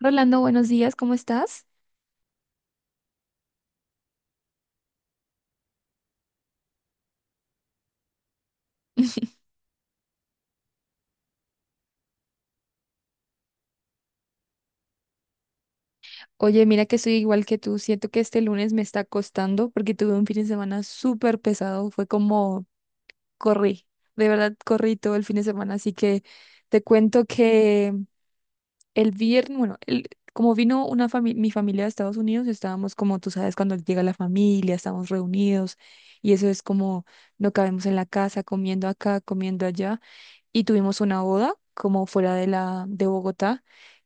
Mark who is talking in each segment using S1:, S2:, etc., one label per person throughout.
S1: Rolando, buenos días, ¿cómo estás? Oye, mira que soy igual que tú, siento que este lunes me está costando porque tuve un fin de semana súper pesado, fue como corrí, de verdad corrí todo el fin de semana, así que te cuento que el viernes, bueno, como vino mi familia de Estados Unidos, estábamos como tú sabes, cuando llega la familia, estamos reunidos y eso es como no cabemos en la casa, comiendo acá, comiendo allá y tuvimos una boda como fuera de la de Bogotá.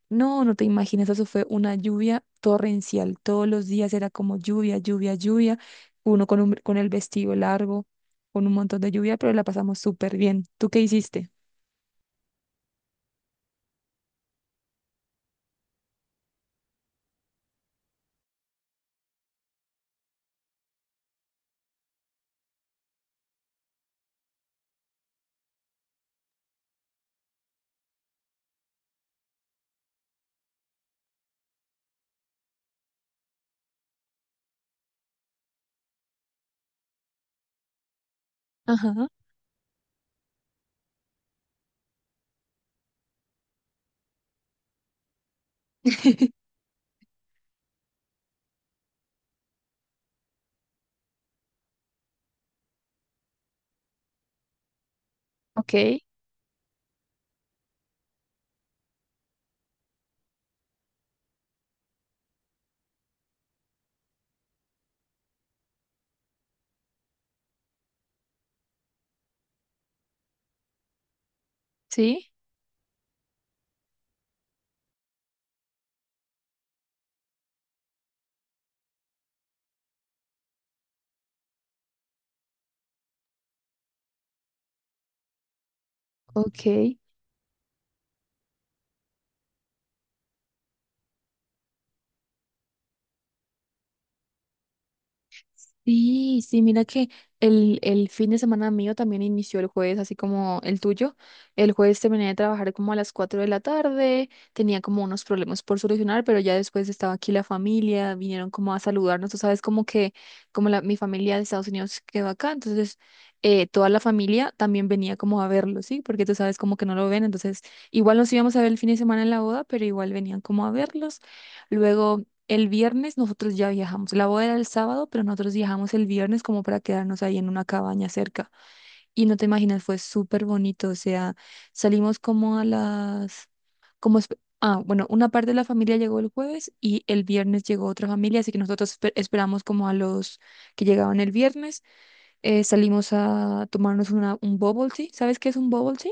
S1: No, no te imaginas, eso fue una lluvia torrencial. Todos los días era como lluvia, lluvia, lluvia. Uno con, con el vestido largo, con un montón de lluvia, pero la pasamos súper bien. ¿Tú qué hiciste? Ajá. Ok, sí, ok. Sí, sí, mira que el fin de semana mío también inició el jueves, así como el tuyo. El jueves terminé de trabajar como a las 4 de la tarde, tenía como unos problemas por solucionar, pero ya después estaba aquí la familia, vinieron como a saludarnos, tú sabes, como que mi familia de Estados Unidos quedó acá, entonces toda la familia también venía como a verlo, ¿sí? Porque tú sabes como que no lo ven, entonces igual nos íbamos a ver el fin de semana en la boda, pero igual venían como a verlos. Luego el viernes nosotros ya viajamos. La boda era el sábado, pero nosotros viajamos el viernes como para quedarnos ahí en una cabaña cerca. Y no te imaginas, fue súper bonito. O sea, salimos como a las. Ah, bueno, una parte de la familia llegó el jueves y el viernes llegó otra familia, así que nosotros esperamos como a los que llegaban el viernes. Salimos a tomarnos un bubble tea. ¿Sabes qué es un bubble tea?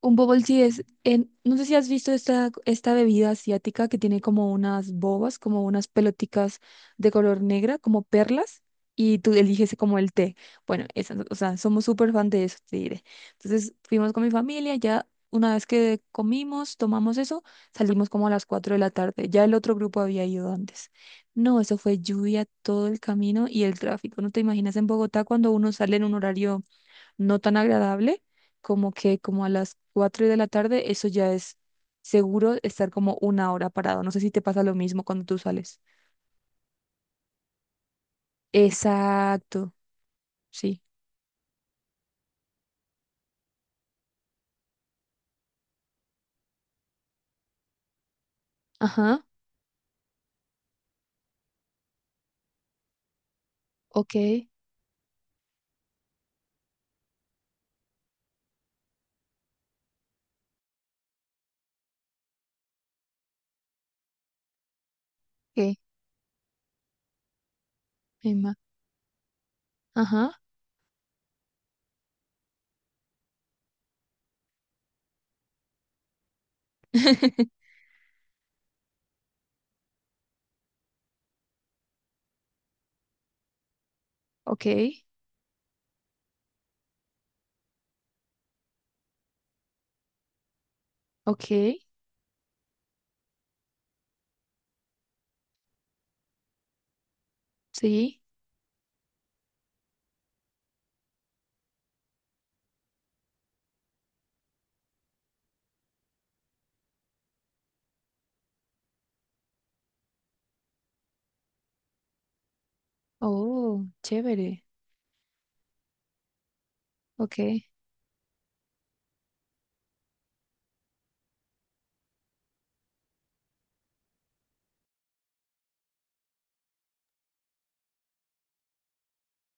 S1: Un bubble tea es, no sé si has visto esta bebida asiática que tiene como unas bobas, como unas peloticas de color negra, como perlas, y tú eliges como el té. Bueno, esa, o sea, somos súper fan de eso, te diré. Entonces fuimos con mi familia, ya una vez que comimos, tomamos eso, salimos como a las 4 de la tarde. Ya el otro grupo había ido antes. No, eso fue lluvia todo el camino y el tráfico. No te imaginas en Bogotá cuando uno sale en un horario no tan agradable, como que como a las 4 de la tarde, eso ya es seguro estar como 1 hora parado. No sé si te pasa lo mismo cuando tú sales. Exacto, sí. Ajá, ok, ok, me ima- ajá, ok, ok, sí, oh, chévere, ok,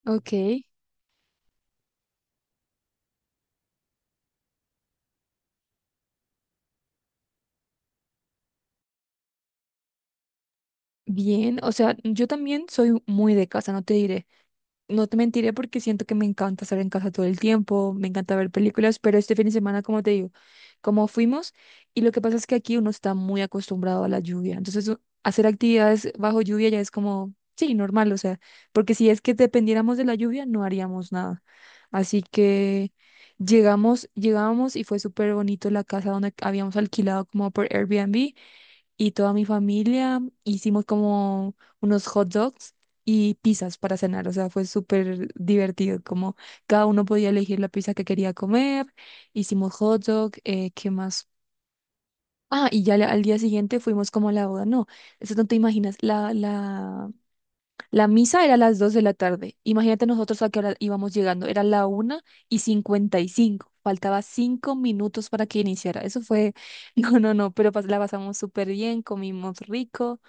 S1: ok, bien, o sea, yo también soy muy de casa, no te diré. No te mentiré porque siento que me encanta estar en casa todo el tiempo, me encanta ver películas, pero este fin de semana, como te digo, como fuimos, y lo que pasa es que aquí uno está muy acostumbrado a la lluvia, entonces hacer actividades bajo lluvia ya es como, sí, normal, o sea, porque si es que dependiéramos de la lluvia, no haríamos nada. Así que llegamos y fue súper bonito la casa donde habíamos alquilado como por Airbnb y toda mi familia hicimos como unos hot dogs y pizzas para cenar, o sea, fue súper divertido, como cada uno podía elegir la pizza que quería comer, hicimos hot dog, ¿qué más? Ah, y ya al día siguiente fuimos como a la boda, no, eso no te imaginas, la misa era a las 2 de la tarde, imagínate nosotros a qué hora íbamos llegando, era la 1:55, faltaba 5 minutos para que iniciara, eso fue, no, no, no, pero la pasamos súper bien, comimos rico.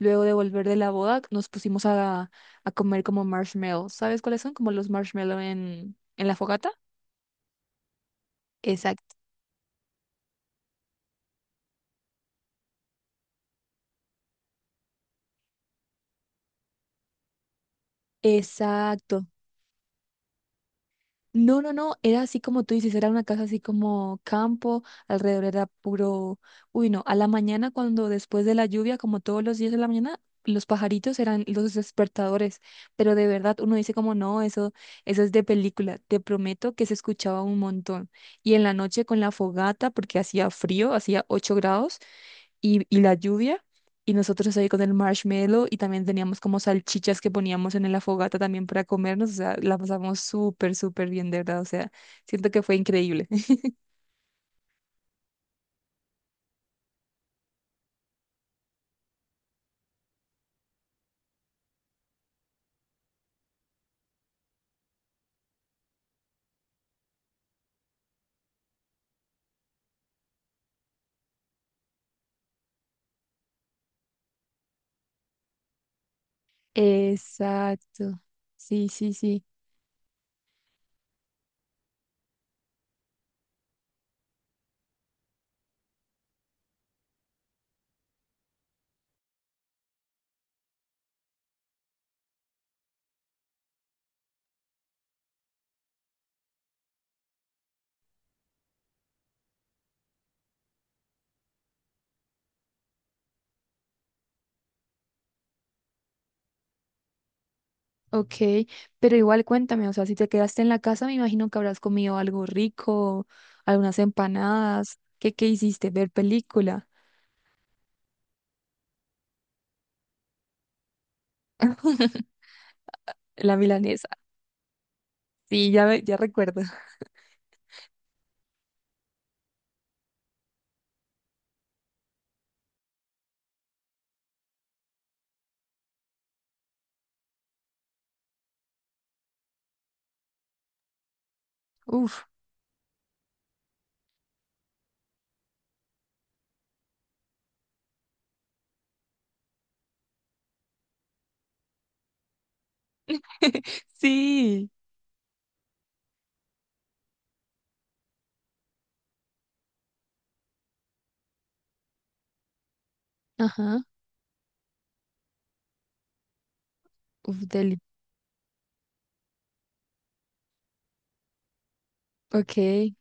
S1: Luego de volver de la boda, nos pusimos a comer como marshmallows. ¿Sabes cuáles son? Como los marshmallows en la fogata. Exacto. Exacto. No, no, no, era así como tú dices, era una casa así como campo, alrededor era puro, uy, no, a la mañana cuando después de la lluvia, como todos los días de la mañana, los pajaritos eran los despertadores, pero de verdad uno dice como no, eso es de película, te prometo que se escuchaba un montón. Y en la noche con la fogata, porque hacía frío, hacía 8 grados, y la lluvia. Y nosotros ahí con el marshmallow y también teníamos como salchichas que poníamos en la fogata también para comernos. O sea, la pasamos súper, súper bien, de verdad. O sea, siento que fue increíble. Exacto. Sí, sí, sí. Ok, pero igual cuéntame, o sea, si te quedaste en la casa, me imagino que habrás comido algo rico, algunas empanadas. ¿Qué hiciste? ¿Ver película? La milanesa. Sí, ya, ya recuerdo. Uf, sí. Ajá. Uf, deli. Ok, qué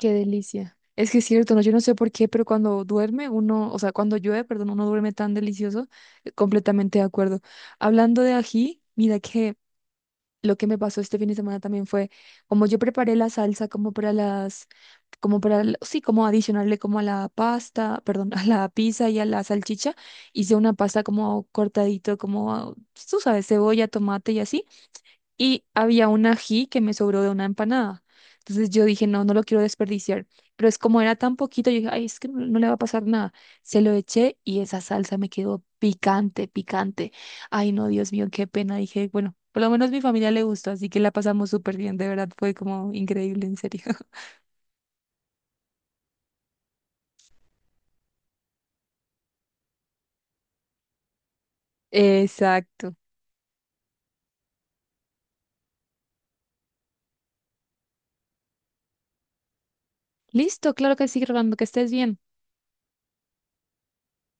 S1: delicia. Es que es cierto, ¿no? Yo no sé por qué, pero cuando duerme uno, o sea, cuando llueve, perdón, uno duerme tan delicioso. Completamente de acuerdo. Hablando de ají, mira que lo que me pasó este fin de semana también fue, como yo preparé la salsa como para las, como para, sí, como adicionarle como a la pasta, perdón, a la pizza y a la salchicha, hice una pasta como cortadito, como, tú sabes, cebolla, tomate y así y había un ají que me sobró de una empanada. Entonces yo dije, no, no lo quiero desperdiciar. Pero es como era tan poquito, yo dije, ay, es que no, no le va a pasar nada. Se lo eché y esa salsa me quedó picante, picante. Ay, no, Dios mío, qué pena. Dije, bueno, por lo menos mi familia le gustó, así que la pasamos súper bien, de verdad, fue como increíble, en serio. Exacto. Listo, claro que sí, Rolando, que estés bien.